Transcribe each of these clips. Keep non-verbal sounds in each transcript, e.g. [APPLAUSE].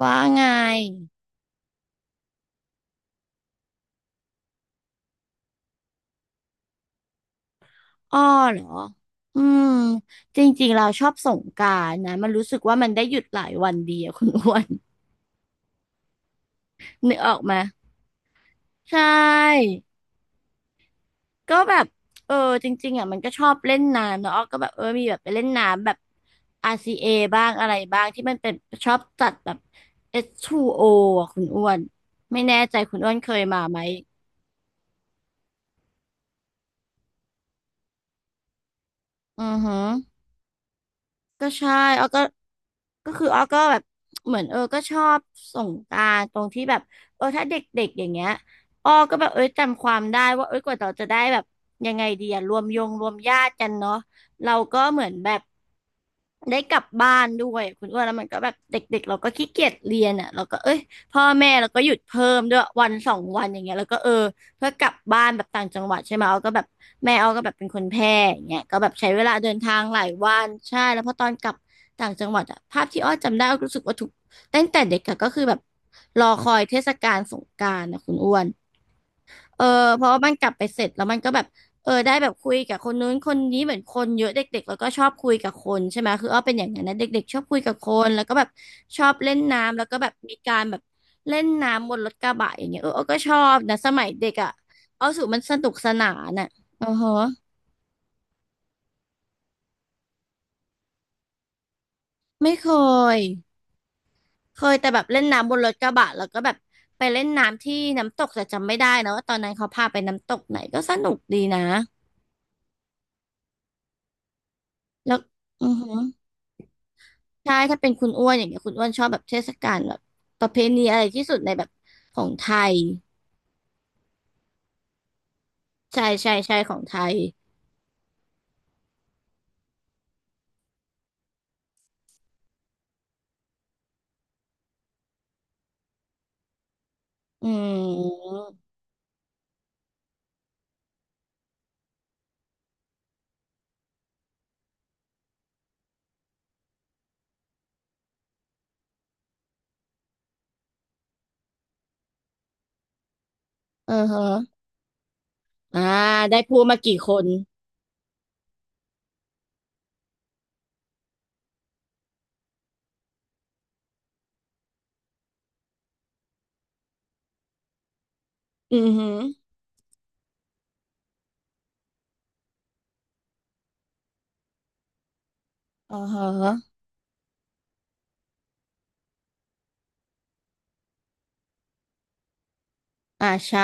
ว่าไงอ้อเหรออืมจริงๆเราชอบสงกรานต์นะมันรู้สึกว่ามันได้หยุดหลายวันดีอะ [LAUGHS] คุณอ้วน [LAUGHS] นึกออกมาใช่ก็แบบเออจริงๆอ่ะมันก็ชอบเล่นน้ำเนาะอ้อก็แบบมีแบบไปเล่นน้ำแบบ RCA บ้างอะไรบ้างที่มันเป็นชอบจัดแบบ s 2 o อคุณอ้วนไม่แน่ใจคุณอ้วนเคยมาไหมอือหือ ก็ใช่อ้อก็ก็คืออ้อก็แบบเหมือนก็ชอบสงกรานต์ตรงที่แบบถ้าเด็กๆอย่างเงี้ยอ้อก็แบบเอ้ยจำความได้ว่าเอ้ยกว่าเราจะได้แบบยังไงดีอะรวมยงรวมญาติกันเนาะเราก็เหมือนแบบได้กลับบ้านด้วยคุณอ้วนแล้วมันก็แบบเด็กๆเราก็ขี้เกียจเรียนอ่ะเราก็เอ้ยพ่อแม่เราก็หยุดเพิ่มด้วยวันสองวันอย่างเงี้ยแล้วก็เพื่อกลับบ้านแบบต่างจังหวัดใช่ไหมเอาก็แบบแม่เอาก็แบบเป็นคนแพร่อย่างเงี้ยก็แบบใช้เวลาเดินทางหลายวันใช่แล้วพอตอนกลับต่างจังหวัดอะภาพที่อ้อจำได้อ้อรู้สึกว่าทุกตั้งแต่เด็กอะก็คือแบบรอคอยเทศกาลสงกรานต์นะคุณอ้วน เออเพราะว่ามันกลับไปเสร็จแล้วมันก็แบบได้แบบคุยกับคนนู้นคนนี้เหมือนคนเยอะเด็กๆแล้วก็ชอบคุยกับคนใช่ไหมคืออ้อเป็นอย่างนั้นนะเด็กๆชอบคุยกับคนแล้วก็แบบชอบเล่นน้ำแล้วก็แบบมีการแบบเล่นน้ำบนรถกระบะอย่างเงี้ยอ้อก็ชอบนะสมัยเด็กอ่ะอ้อรู้สูมันสนุกสนานอ่ะอือฮะไม่เคยเคยแต่แบบเล่นน้ำบนรถกระบะแล้วก็แบบไปเล่นน้ำที่น้ำตกแต่จำไม่ได้นะว่าตอนนั้นเขาพาไปน้ำตกไหนก็สนุกดีนะแล้วอือฮึ ใช่ถ้าเป็นคุณอ้วนอย่างเงี้ยคุณอ้วนชอบแบบเทศกาลแบบประเพณีอะไรที่สุดในแบบของไทยใช่ใช่ใช่ของไทยอืมฮะอ่าได้พูดมากี่คนอือฮึอ๋อฮะใช่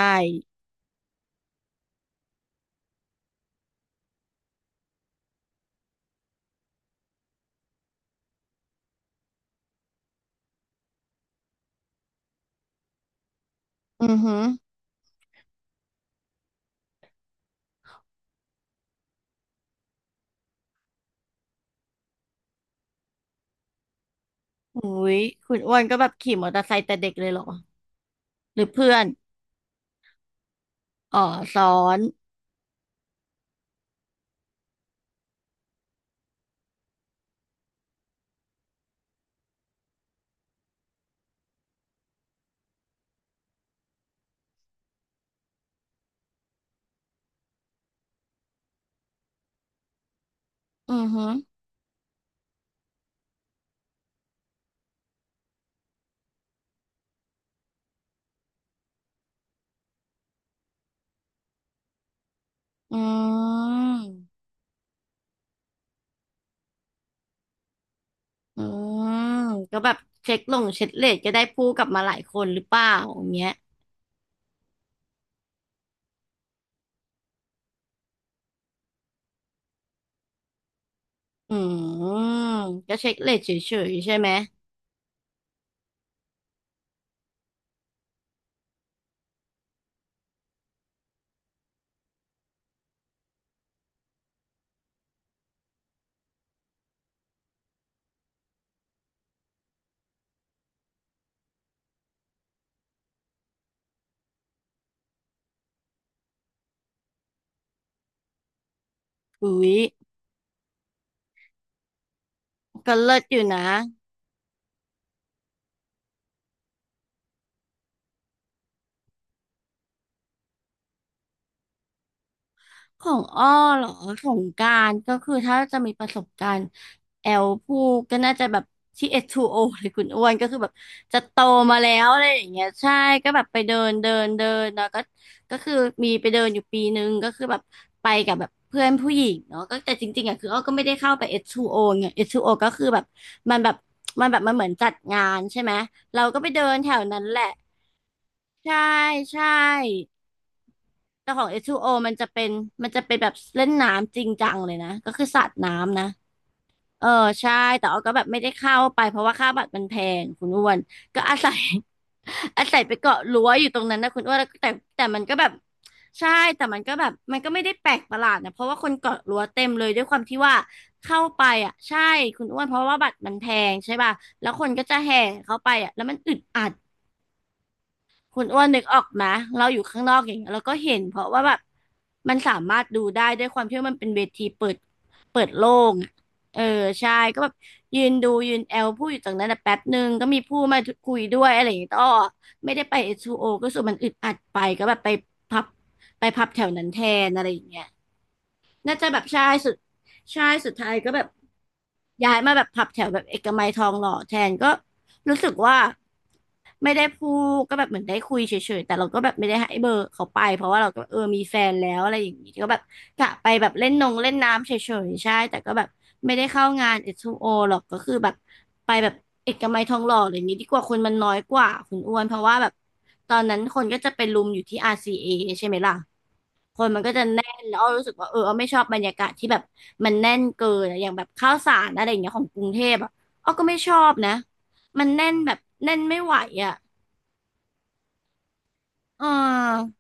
อือฮึอุ้ยคุณอ้วนก็แบบขี่มอเตอร์ไซค์แต่เด็กเลยเหรอหรือเพื่อนอ๋อซ้อนอือฮึอืมอืมก็แบบเช็คลงเช็คเลทก็ได้พูดกลับมาหลายคนหรือเปล่าอย่างเงี้ย อืมก็เช็คเลทเฉยๆใช่ไหมอุ้ยก็เลิศอยู่นะ ของอ้อเหรอของการก็คือถ้าจะมีประสบการณ์แอลพูดก็น่าจะแบบที่เอชทู2 o เลยคุณอ้วนก็คือแบบจะโตมาแล้วอะไรอย่างเงี้ยใช่ก็แบบไปเดินเดินเดินเนาะก็ก็คือมีไปเดินอยู่ปีนึงก็คือแบบไปกับแบบเพื่อนผู้หญิงเนาะก็แต่จริงๆอ่ะคืออ้อก็ไม่ได้เข้าไปเอชทู2 o ไงเอ้ทู2 o ก็คือแบบมันแบบมันเหมือนจัดงานใช่ไหมเราก็ไปเดินแถวนั้นแหละใช่ใช่ แต่ของเอชทูโ o มันจะเป็นแบบเล่นน้ำจริงจังเลยนะก็คือสาดน้ำนะเออใช่แต่ออก็แบบไม่ได้เข้าไปเพราะว่าค่าบัตรมันแพงคุณอ้วนก็อาศัย [LAUGHS] อาศัยไปเกาะรั้วอยู่ตรงนั้นนะคุณอ้วนแล้วแต่แต่มันก็แบบใช่แต่มันก็แบบมันก็ไม่ได้แปลกประหลาดนะเพราะว่าคนเกาะรั้วเต็มเลยด้วยความที่ว่าเข้าไปอ่ะใช่คุณอ้วนเพราะว่าบัตรมันแพงใช่ป่ะแล้วคนก็จะแห่เข้าไปอ่ะแล้วมันอึดอัด คุณอ้วนนึกออกไหม เราอยู่ข้างนอกอย่างเงี้ยเราก็เห็นเพราะว่าแบบมันสามารถดูได้ด้วยความที่ว่ามันเป็นเวทีเปิดเปิดโล่งอะเออใช่ก็แบบยืนดูยืนแอลพูดอยู่ตรงนั้นนะแป๊บหนึ่งก็มีผู้มาคุยด้วยอะไรอย่างเงี้ยต่อไม่ได้ไป S2O ก็รู้สึกมันอึดอัดไปก็แบบไปพับไปพับแถวนั้นแทนอะไรอย่างเงี้ย น่าจะแบบใช่สุดใช่สุดท้ายก็แบบย้ายมาแบบผับแถวแบบเอกมัยทองหล่อแทนก็รู้สึกว่าไม่ได้พูดก็แบบเหมือนได้คุยเฉยๆแต่เราก็แบบไม่ได้ให้เบอร์เขาไปเพราะว่าเราก็มีแฟนแล้วอะไรอย่างนี้ก็แบบกะไปแบบเล่นนงเล่นน้ำเฉยๆใช่แต่ก็แบบไม่ได้เข้างานเอสทูโ o หรอกก็คือแบบไปแบบเอกมัยทองหล่ออะไรอย่างนี้ดีกว่าคนมันน้อยกว่าคุณอ้วนเพราะว่าแบบตอนนั้นคนก็จะไปรุมอยู่ที่ RCA ใช่ไหมล่ะ คนมันก็จะแน่นแล้วอ้อรู้สึกว่าอ้อไม่ชอบบรรยากาศที่แบบมันแน่นเกินอะอย่างแบบข้าวสารอะไรอย่างเงี้ยของกรุงเทพอ่ะอ้อก็ไม่ชอบนะมันแน่นแบบแน่นไม่ไหวอ่ะเออ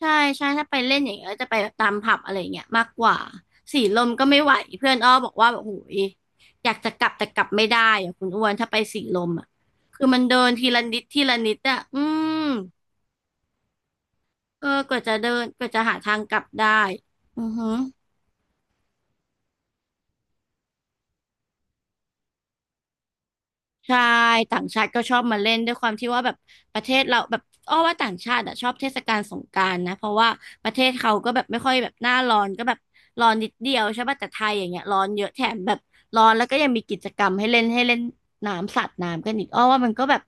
ใช่ใช่ถ้าไปเล่นอย่างเงี้ยจะไปแบบตามผับอะไรอย่างเงี้ยมากกว่าสีลมก็ไม่ไหวเพื่อนอ้อบอกว่าแบบโอ้ยอยากจะกลับแต่กลับไม่ได้อ่ะคุณอ้วนถ้าไปสีลมอ่ะคือมันเดินทีละนิดทีละนิดอ่ะอืมเออกว่าจะเดินกว่าจะหาทางกลับได้อือฮึ ใช่ต่างชาติก็ชอบมาเล่นด้วยความที่ว่าแบบประเทศเราแบบอ้อว่าต่างชาติอ่ะชอบเทศกาลสงกรานต์นะเพราะว่าประเทศเขาก็แบบไม่ค่อยแบบหน้าร้อนก็แบบร้อนนิดเดียวใช่ป่ะแต่ไทยอย่างเงี้ยร้อนเยอะแถมแบบร้อนแล้วก็ยังมีกิจกรรมให้เล่นน้ำสาดน้ำกันอีกอ้อว่ามันก็แบบ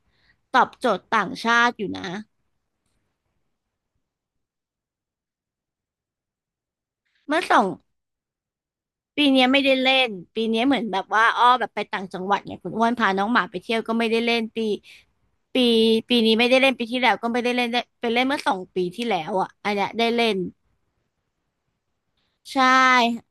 ตอบโจทย์ต่างชาติอยู่นะเมื่อสอง ปีเนี้ยไม่ได้เล่นปีเนี้ยเหมือนแบบว่าอ้อแบบไปต่างจังหวัดเน่ยคุณอ้วนพาน้องหมาไปเที่ยวก็ไม่ได้เล่นปีปีนี้ไม่ได้เล่นปีที่แล้วก็ไม่ได้เล่นได้ไปเล่นเมื่อสองปีที่แล้วอ่ะอันเนี้ยได้เล่นใช่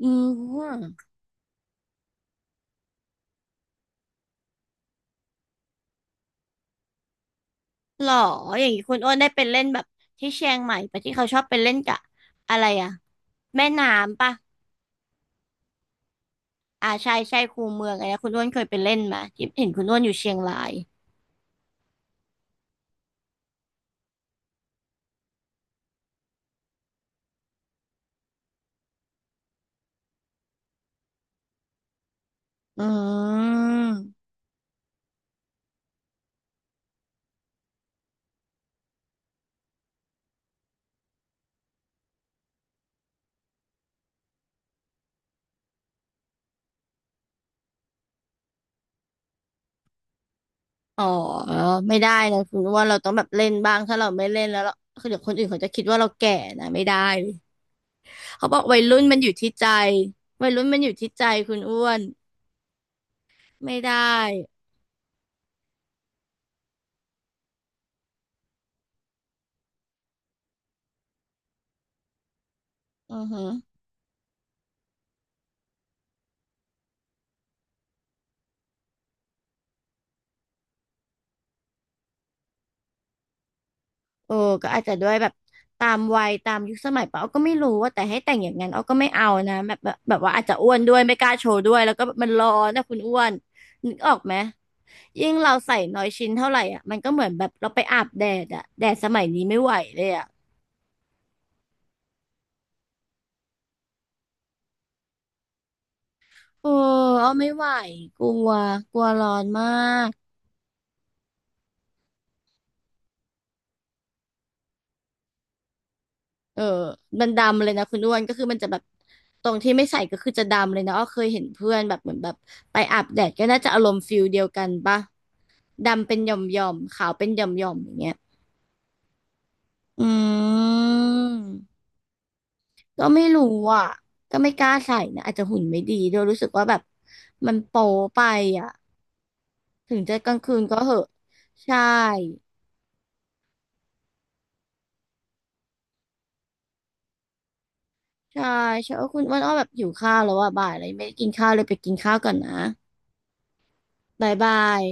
อืมหรออย่างนี้คุณอ้วนได้ไปเล่นแบบที่เชียงใหม่ปะที่เขาชอบไปเล่นกับอะไรอ่ะแม่น้ำปะอ่าใช่คูเมืองอะไรนะคุณอ้วนเคยไปเล่นมาที่เห็นคุณอ้วนอยู่เชียงรายอืม อ๋อไม่ได้นะคุณว่าเราต้องแบบเล่นบ้างถ้าเราไม่เล่นแล้วเราคือเดี๋ยวคนอื่นเขาจะคิดว่าเราแก่นะไม่ได้เลยเขาบอกวัยรุ่นมันอยู่ที่ใจวัยรุ่นมันอยู่ที่ใจคุณอ้วนไม่ได้อือฮึโอ้ก็อาจจะด้วยแบบตามวัยตามยุคสมัยปะเอาก็ไม่รู้ว่าแต่ให้แต่งอย่างนั้นเอาก็ไม่เอานะแบบว่าอาจจะอ้วนด้วยไม่กล้าโชว์ด้วยแล้วก็มันร้อนนะคุณอ้วนนึกออกไหมยิ่งเราใส่น้อยชิ้นเท่าไหร่อ่ะมันก็เหมือนแบบเราไปอาบแดดอ่ะแดดสมัยนี้ไม่ไหวเลยอ่ะ เออเอาไม่ไหวกลัวกลัวร้อนมากเออมันดำเลยนะคุณอ้วนก็คือมันจะแบบตรงที่ไม่ใส่ก็คือจะดำเลยนะอ้อเคยเห็นเพื่อนแบบเหมือนแบบไปอาบแดดก็น่าจะอารมณ์ฟิลเดียวกันปะดำเป็นหย่อมหย่อมขาวเป็นหย่อมหย่อมอย่างเงี้ยอืมก็ไม่รู้อ่ะก็ไม่กล้าใส่นะอาจจะหุ่นไม่ดีด้วยรู้สึกว่าแบบมันโป๊ไปอ่ะถึงจะกลางคืนก็เหอะใช่ ใช่ใช่เออคุณอ้วนอ้อแบบหิวข้าวแล้วอ่ะบ่ายเลยไม่ได้กินข้าวเลยไปกินข้าวก่อนนะบายบาย